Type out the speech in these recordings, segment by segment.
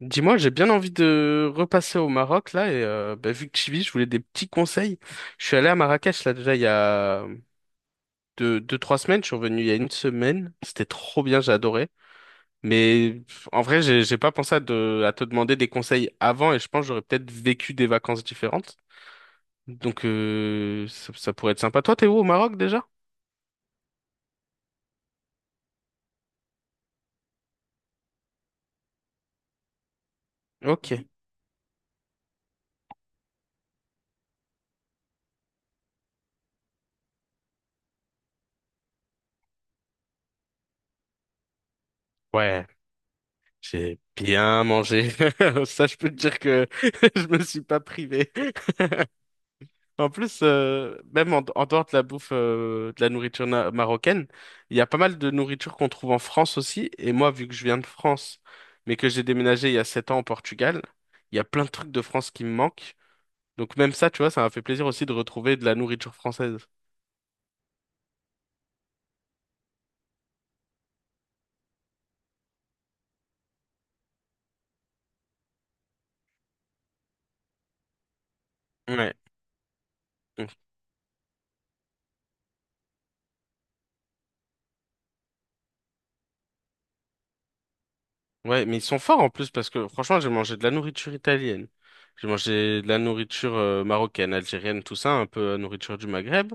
Dis-moi, j'ai bien envie de repasser au Maroc là et vu que tu vis, je voulais des petits conseils. Je suis allé à Marrakech là déjà il y a trois semaines. Je suis revenu il y a une semaine. C'était trop bien, j'ai adoré. Mais pff, en vrai, j'ai pas pensé à te demander des conseils avant et je pense que j'aurais peut-être vécu des vacances différentes. Ça pourrait être sympa. Toi, t'es où au Maroc déjà? Ok. Ouais, j'ai bien mangé. Ça, je peux te dire que je me suis pas privé. En plus, même en dehors de la bouffe, de la marocaine, il y a pas mal de nourriture qu'on trouve en France aussi. Et moi, vu que je viens de France, mais que j'ai déménagé il y a 7 ans au Portugal, il y a plein de trucs de France qui me manquent. Donc même ça, tu vois, ça m'a fait plaisir aussi de retrouver de la nourriture française. Ouais. Mm. Ouais, mais ils sont forts en plus parce que franchement, j'ai mangé de la nourriture italienne, j'ai mangé de la nourriture marocaine, algérienne, tout ça, un peu la nourriture du Maghreb.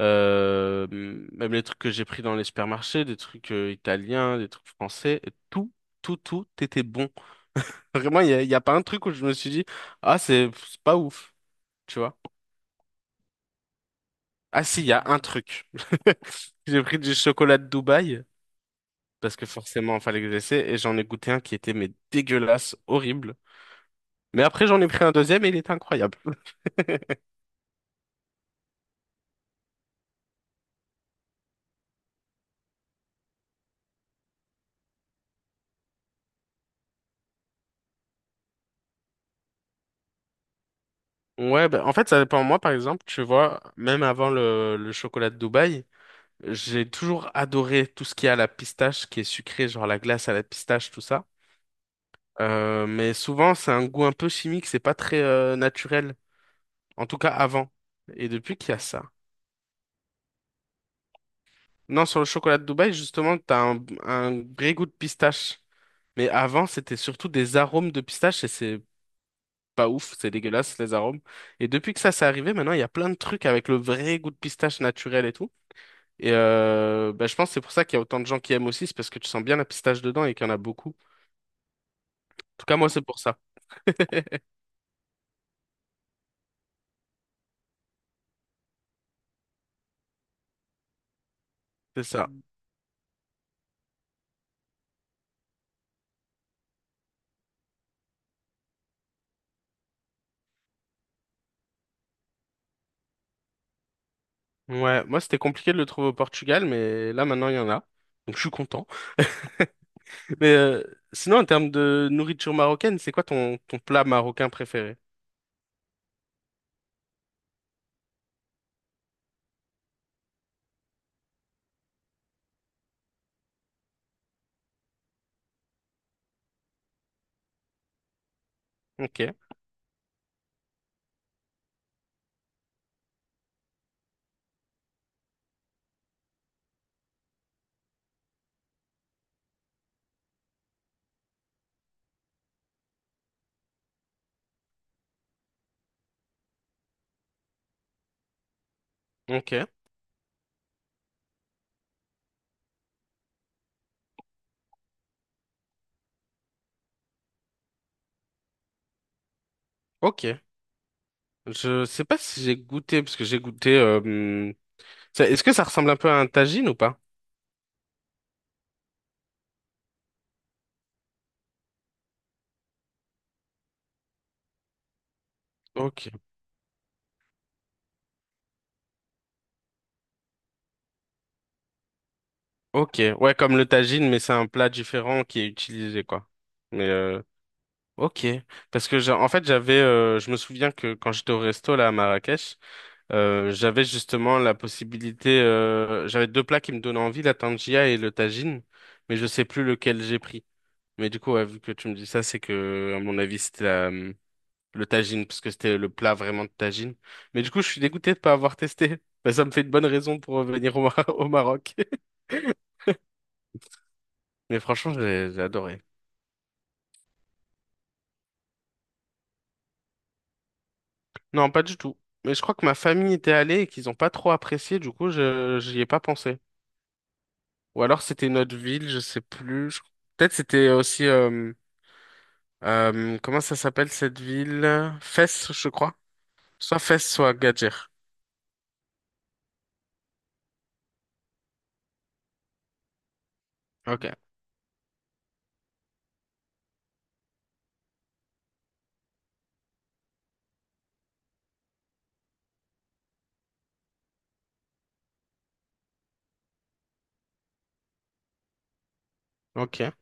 Euh, même les trucs que j'ai pris dans les supermarchés, des trucs italiens, des trucs français, tout, tout était bon. Vraiment, il y a pas un truc où je me suis dit, ah, c'est pas ouf, tu vois. Ah si, il y a un truc. J'ai pris du chocolat de Dubaï, parce que forcément, il fallait que j'essaie, et j'en ai goûté un qui était mais dégueulasse, horrible. Mais après, j'en ai pris un deuxième et il était incroyable. Ouais, ben en fait, ça dépend. Moi, par exemple, tu vois, même avant le chocolat de Dubaï, j'ai toujours adoré tout ce qui est à la pistache, qui est sucré, genre la glace à la pistache, tout ça. Mais souvent, c'est un goût un peu chimique, c'est pas très naturel. En tout cas, avant. Et depuis qu'il y a ça. Non, sur le chocolat de Dubaï, justement, t'as un vrai goût de pistache. Mais avant, c'était surtout des arômes de pistache et c'est pas ouf, c'est dégueulasse, les arômes. Et depuis que ça s'est arrivé, maintenant, il y a plein de trucs avec le vrai goût de pistache naturel et tout. Je pense que c'est pour ça qu'il y a autant de gens qui aiment aussi, c'est parce que tu sens bien la pistache dedans et qu'il y en a beaucoup. Tout cas, moi, c'est pour ça. C'est ça. Ouais, moi, c'était compliqué de le trouver au Portugal, mais là, maintenant, il y en a. Donc, je suis content. Mais sinon, en termes de nourriture marocaine, c'est quoi ton plat marocain préféré? Ok, ok, ok. Je sais pas si j'ai goûté, parce que Est-ce que ça ressemble un peu à un tagine ou pas? Ok, ok. Ouais, comme le tagine, mais c'est un plat différent qui est utilisé, quoi. Mais ok. Parce que, en fait, je me souviens que quand j'étais au resto, là, à Marrakech, j'avais justement la possibilité, j'avais deux plats qui me donnaient envie, la tangia et le tagine, mais je sais plus lequel j'ai pris. Mais du coup, ouais, vu que tu me dis ça, c'est que, à mon avis, c'était le tagine, parce que c'était le plat vraiment de tagine. Mais du coup, je suis dégoûté de pas avoir testé. Mais ça me fait une bonne raison pour revenir au Maroc. Mais franchement, j'ai adoré. Non, pas du tout. Mais je crois que ma famille était allée et qu'ils ont pas trop apprécié, du coup, je j'y ai pas pensé. Ou alors c'était une autre ville, je sais plus. Peut-être c'était aussi comment ça s'appelle cette ville? Fès, je crois. Soit Fès, soit Gadjir. Ok, ok,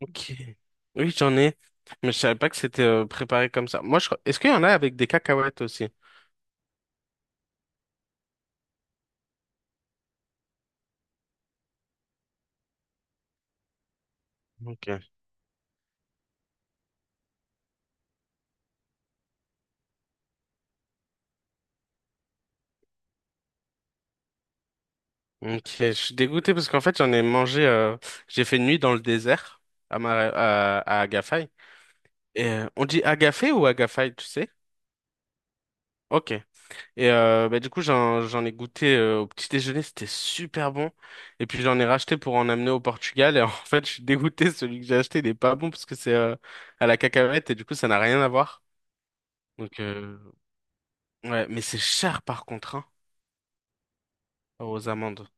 ok. Oui, mais je savais pas que c'était préparé comme ça. Est-ce qu'il y en a avec des cacahuètes aussi? Ok. Ok, je suis dégoûté parce qu'en fait, j'en ai mangé. J'ai fait une nuit dans le désert à Agafay. Et, on dit Agafay ou Agafay, tu sais? Ok. Du coup, j'en ai goûté au petit déjeuner, c'était super bon. Et puis j'en ai racheté pour en amener au Portugal. Et en fait, je suis dégoûté, celui que j'ai acheté, il est pas bon parce que c'est à la cacahuète et du coup, ça n'a rien à voir. Donc, ouais, mais c'est cher par contre, hein, aux amandes.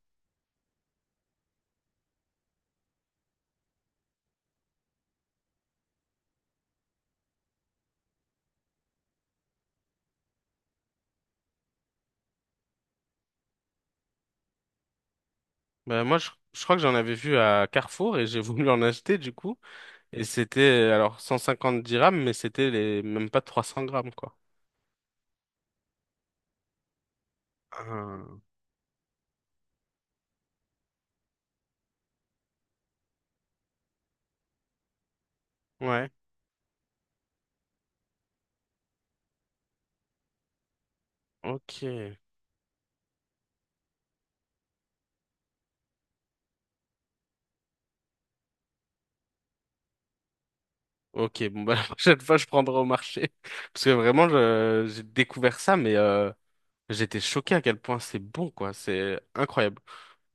Bah, moi, je crois que j'en avais vu à Carrefour et j'ai voulu en acheter du coup. Et c'était alors 150 dirhams, mais c'était les même pas 300 grammes, quoi. Ah, ouais, ok. Ok, bon bah la prochaine fois je prendrai au marché. Parce que vraiment j'ai découvert ça, mais j'étais choqué à quel point c'est bon quoi, c'est incroyable.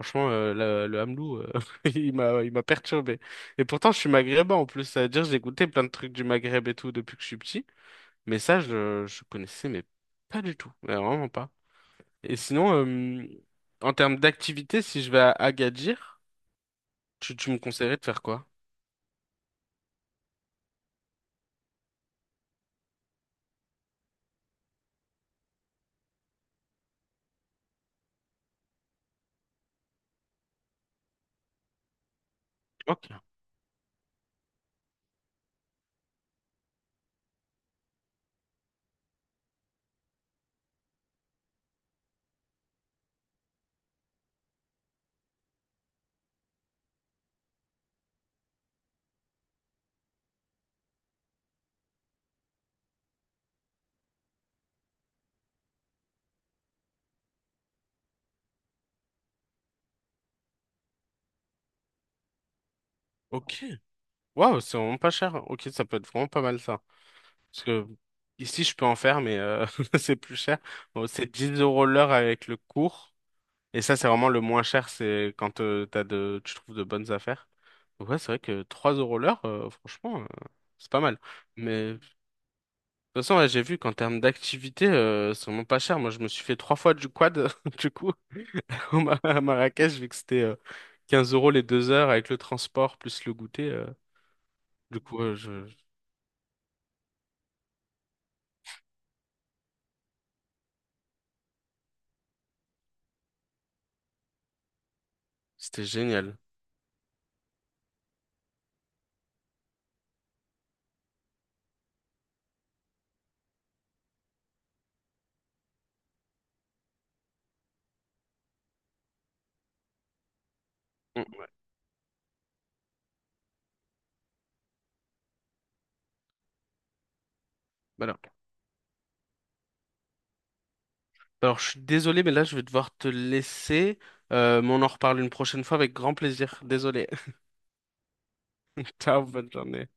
Franchement, le Hamelou, il m'a perturbé. Et pourtant je suis maghrébin en plus, c'est-à-dire j'ai goûté plein de trucs du Maghreb et tout depuis que je suis petit, mais ça je connaissais mais pas du tout, mais vraiment pas. Et sinon, en termes d'activité, si je vais à Agadir, tu me conseillerais de faire quoi? Ok. Ok. Waouh, c'est vraiment pas cher. Ok, ça peut être vraiment pas mal ça. Hein. Parce que ici, je peux en faire, mais c'est plus cher. Bon, c'est 10 euros l'heure avec le cours. Et ça, c'est vraiment le moins cher, c'est quand tu trouves de bonnes affaires. Donc ouais, c'est vrai que 3 euros l'heure, franchement, c'est pas mal. Mais de toute façon, ouais, j'ai vu qu'en termes d'activité, c'est vraiment pas cher. Moi, je me suis fait trois fois du quad, du coup, à Marrakech, vu que c'était 15 euros les deux heures avec le transport plus le goûter. Je... c'était génial. Mm, voilà. Alors, je suis désolé, mais là, je vais devoir te laisser. Mais on en reparle une prochaine fois avec grand plaisir. Désolé. Ciao, bonne journée.